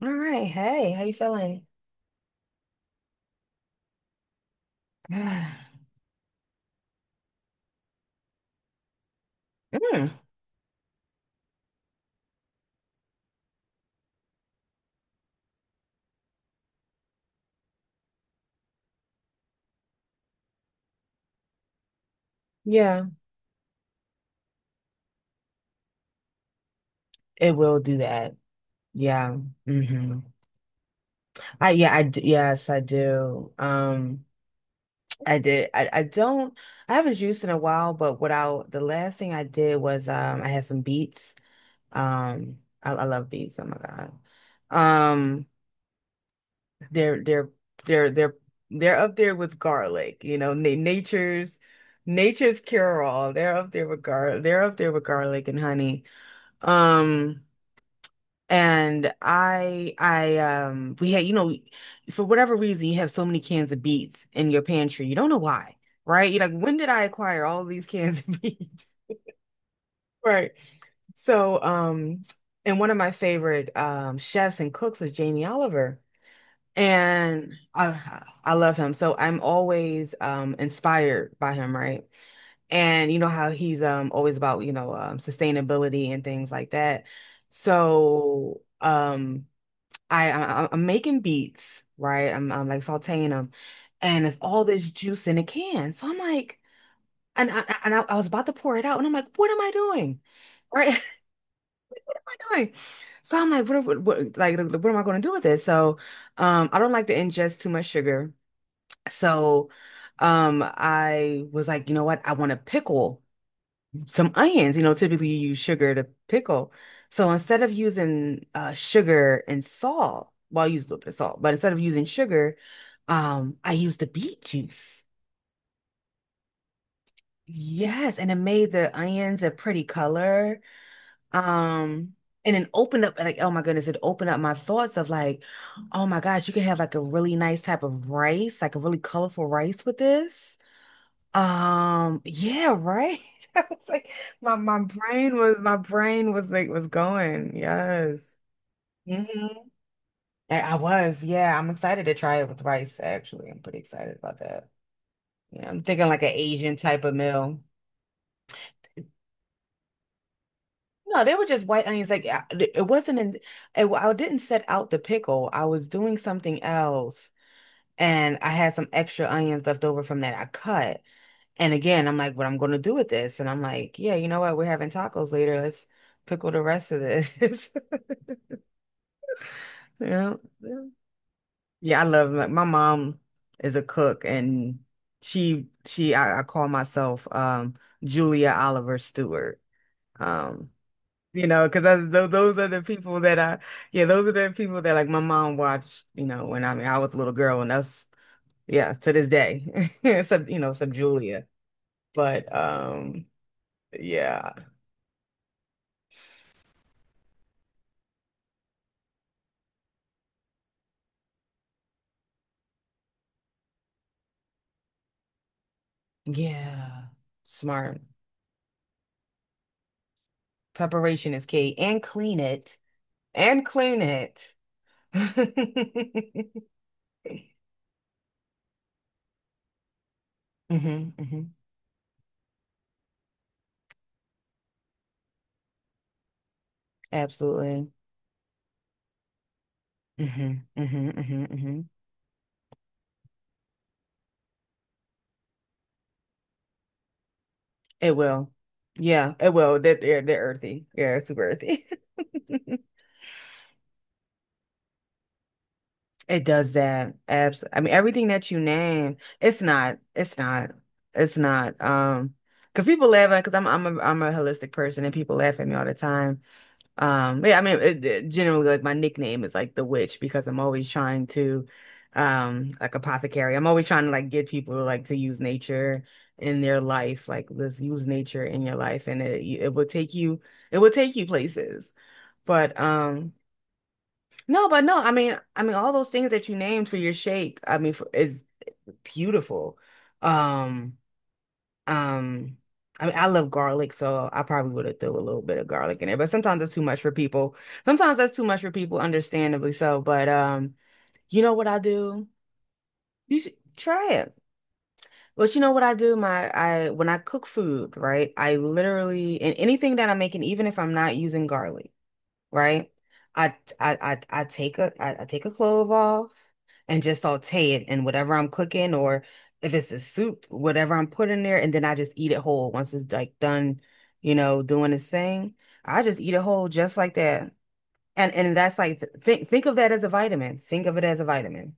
All right. Hey, how you feeling? Mm, yeah, it will do that. Yeah. hmm yes, I do. I did. I don't I haven't juiced in a while, but what I the last thing I did was I had some beets. I love beets. Oh my God. Um they're they're they're they're up there with garlic, you know, na nature's nature's cure all. They're up there with garlic and honey. Um, and I, we had, you know, for whatever reason, you have so many cans of beets in your pantry. You don't know why, right? You're like, when did I acquire all these cans of beets? Right. So, and one of my favorite chefs and cooks is Jamie Oliver. And I love him. So I'm always inspired by him, right? And you know how he's always about, you know, sustainability and things like that. So I'm making beats, right? I'm like sautéing them and it's all this juice in a can. So I'm like, and I and I was about to pour it out, and I'm like, what am I doing? Right? What am I doing? So I'm like, what what am I going to do with this? So I don't like to ingest too much sugar. So, I was like, you know what? I want to pickle some onions. You know, typically you use sugar to pickle. So instead of using sugar and salt, well, I use a little bit of salt, but instead of using sugar, I used the beet juice. Yes, and it made the onions a pretty color. Um, and then opened up like, oh my goodness, it opened up my thoughts of like, oh my gosh, you can have like a really nice type of rice, like a really colorful rice with this. Yeah, right. I was like, my brain was like was going. Yes. hmm yeah. I'm excited to try it with rice, actually. I'm pretty excited about that. Yeah, I'm thinking like an Asian type of meal. No, they were just white onions. Like I- it wasn't in, it, I didn't set out the pickle. I was doing something else. And I had some extra onions left over from that I cut. And again, I'm like, what I'm gonna do with this? And I'm like, yeah, you know what? We're having tacos later. Let's pickle the rest of this. You know? Yeah, Yeah, I love my mom is a cook and she I call myself Julia Oliver Stewart. Um, you know, because those are the people that I yeah, those are the people that like my mom watched, you know, when I mean I was a little girl and us yeah, to this day. Sub Julia. But yeah, yeah, smart. Preparation is key, and clean it, and clean it. hmm hmm Absolutely. hmm hmm hmm hmm It will. Yeah, it will. They're earthy. Yeah, they super earthy. It does that. Abs. I mean, everything that you name, it's not. It's not. It's not. Because people laugh at because I'm a holistic person, and people laugh at me all the time. Yeah, I mean, it- generally, like my nickname is like the witch because I'm always trying to, like apothecary. I'm always trying to like get people like to use nature in their life, like let's use nature in your life, and it will take you it will take you places. But no, but no, I mean, all those things that you named for your shake, for, is beautiful. Um. Um, I mean, I love garlic, so I probably would have threw a little bit of garlic in it, but sometimes that's too much for people. Sometimes that's too much for people, understandably so. But you know what I do? You should try it. But you know what I do? My I when I cook food, right? I literally and anything that I'm making, even if I'm not using garlic right? I I I take I take a clove off and just saute it in whatever I'm cooking or if it's a soup, whatever I'm putting there, and then I just eat it whole once it's like done, you know, doing its thing. I just eat it whole just like that. And that's like th think of that as a vitamin. Think of it as a vitamin.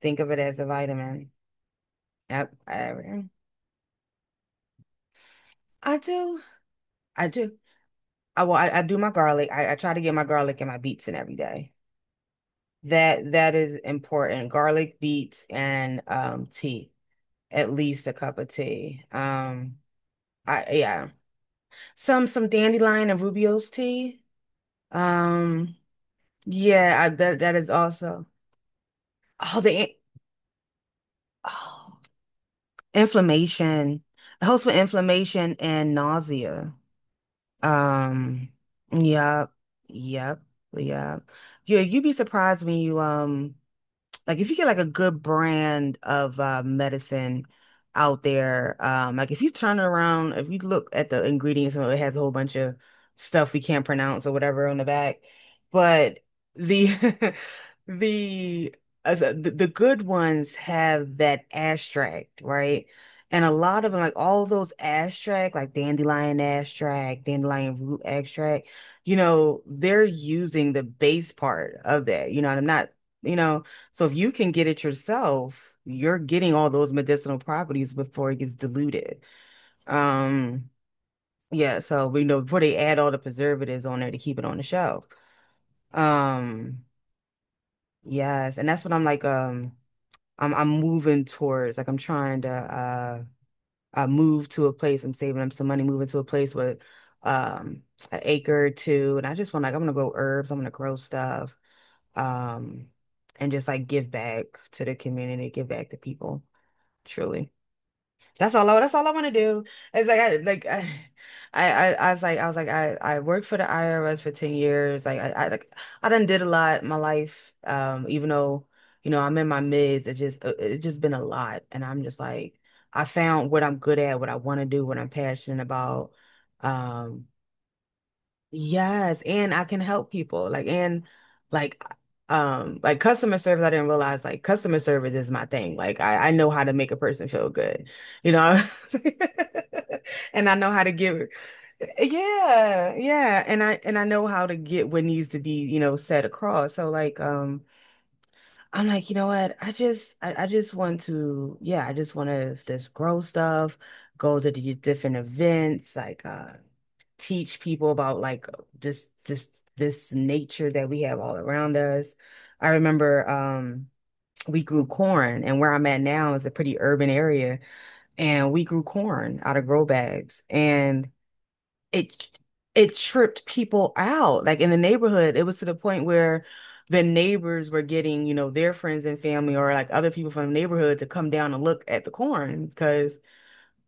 Think of it as a vitamin. Yep. I do. I do. I well, I do my garlic. I try to get my garlic and my beets in every day. That is important. Garlic beets and tea. At least a cup of tea. I yeah. Some dandelion and Rubio's tea. Um yeah, I that that is also oh the in- oh inflammation. It helps with inflammation and nausea. Um yep. Yep. Yep. Yeah, you'd be surprised when you like if you get like a good brand of medicine out there, like if you turn around, if you look at the ingredients, you know, it has a whole bunch of stuff we can't pronounce or whatever on the back. But the the the good ones have that extract, right? And a lot of them, like all those extract, like dandelion extract, dandelion root extract, you know, they're using the base part of that. You know, and I'm not, you know. So if you can get it yourself, you're getting all those medicinal properties before it gets diluted. Um, yeah, so we know before they add all the preservatives on there to keep it on the shelf. Um, yes, and that's what I'm like, I'm moving towards like I'm trying to move to a place, I'm saving up some money, moving to a place with um an acre or two, and I just want like I'm gonna grow herbs, I'm gonna grow stuff, um, and just like give back to the community, give back to people, truly. That's all I want to do. It's like I, I was like I worked for the IRS for 10 years. Like I done did a lot in my life. Even though, you know, I'm in my mids, it just been a lot. And I'm just like I found what I'm good at, what I want to do, what I'm passionate about. Um, Yes, and I can help people. Like and like like customer service, I didn't realize like customer service is my thing. Like I know how to make a person feel good, you know? And I know how to give yeah, yeah. And I know how to get what needs to be, you know, set across. So like I'm like, you know what? I just want to yeah, I just want to just grow stuff, go to the different events, like teach people about like just this nature that we have all around us. I remember we grew corn and where I'm at now is a pretty urban area and we grew corn out of grow bags and it it tripped people out. Like in the neighborhood, it was to the point where the neighbors were getting, you know, their friends and family or like other people from the neighborhood to come down and look at the corn because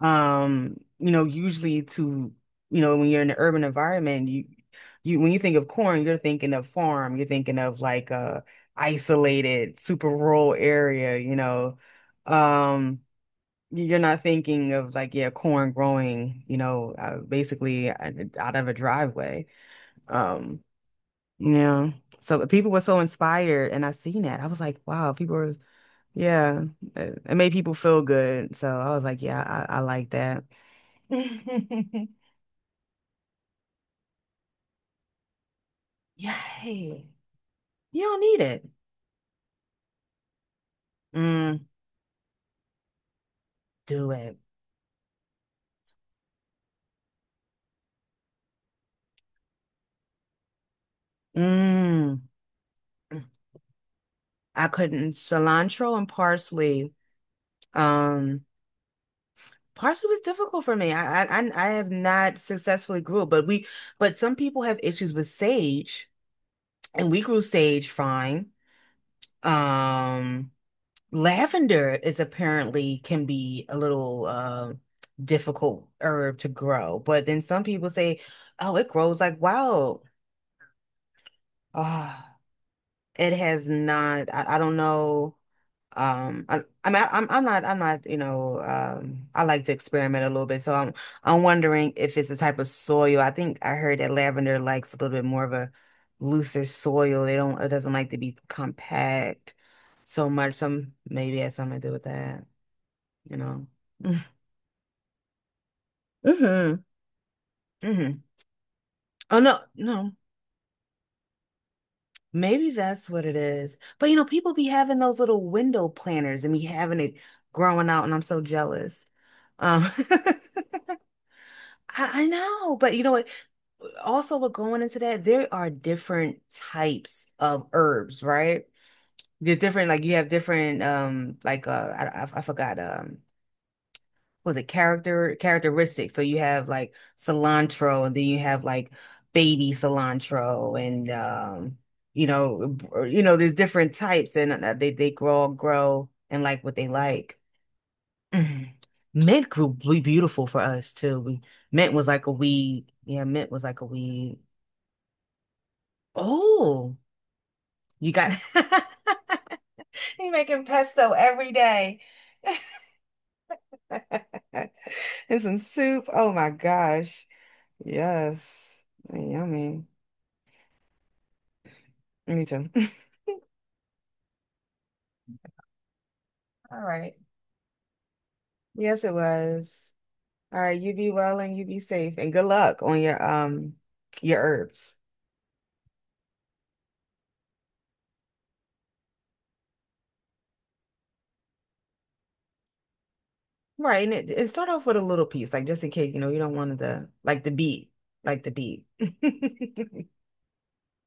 you know, you know, when you're in an urban environment, you when you think of corn, you're thinking of farm, you're thinking of like a isolated, super rural area, you know. Um, you're not thinking of like, yeah, corn growing, you know, basically out of a driveway. Um, yeah. So people were so inspired, and I seen that. I was like, wow, people are yeah, it made people feel good. So I was like, yeah, I like that. Yay. You don't need it. Mm, do it. Mm. I couldn't. Cilantro and parsley. Um, parsley was difficult for me. I have not successfully grew it, but we but some people have issues with sage, and we grew sage fine. Um, lavender is apparently can be a little difficult herb to grow, but then some people say, oh, it grows like wild. Ah. It has not. I don't know. I mean, I'm not you know. I like to experiment a little bit, so I'm wondering if it's the type of soil. I think I heard that lavender likes a little bit more of a looser soil. They don't. It doesn't like to be compact so much. Some maybe it has something to do with that. You know. Mm-hmm. Mm-hmm. Oh no, no. Maybe that's what it is. But you know, people be having those little window planners and be having it growing out, and I'm so jealous. Um, I know, but you know what? Also, with going into that, there are different types of herbs, right? There's different, like you have different, like I forgot, was it characteristics? So you have like cilantro, and then you have like baby cilantro, and you know, or, you know, there's different types, and they grow and like what they like. Mhm. Mint grew beautiful for us too. Mint was like a weed. Yeah, mint was like a weed. Oh, you got you making pesto every day. And some soup. Oh my gosh. Yes. Yummy. Me too. All right. Yes, it was. All right, you be well and you be safe and good luck on your herbs. Right, and it start off with a little piece, like just in case, you know, you don't want the like the beat, like the beat.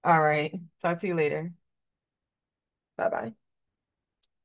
All right. Talk to you later. Bye bye.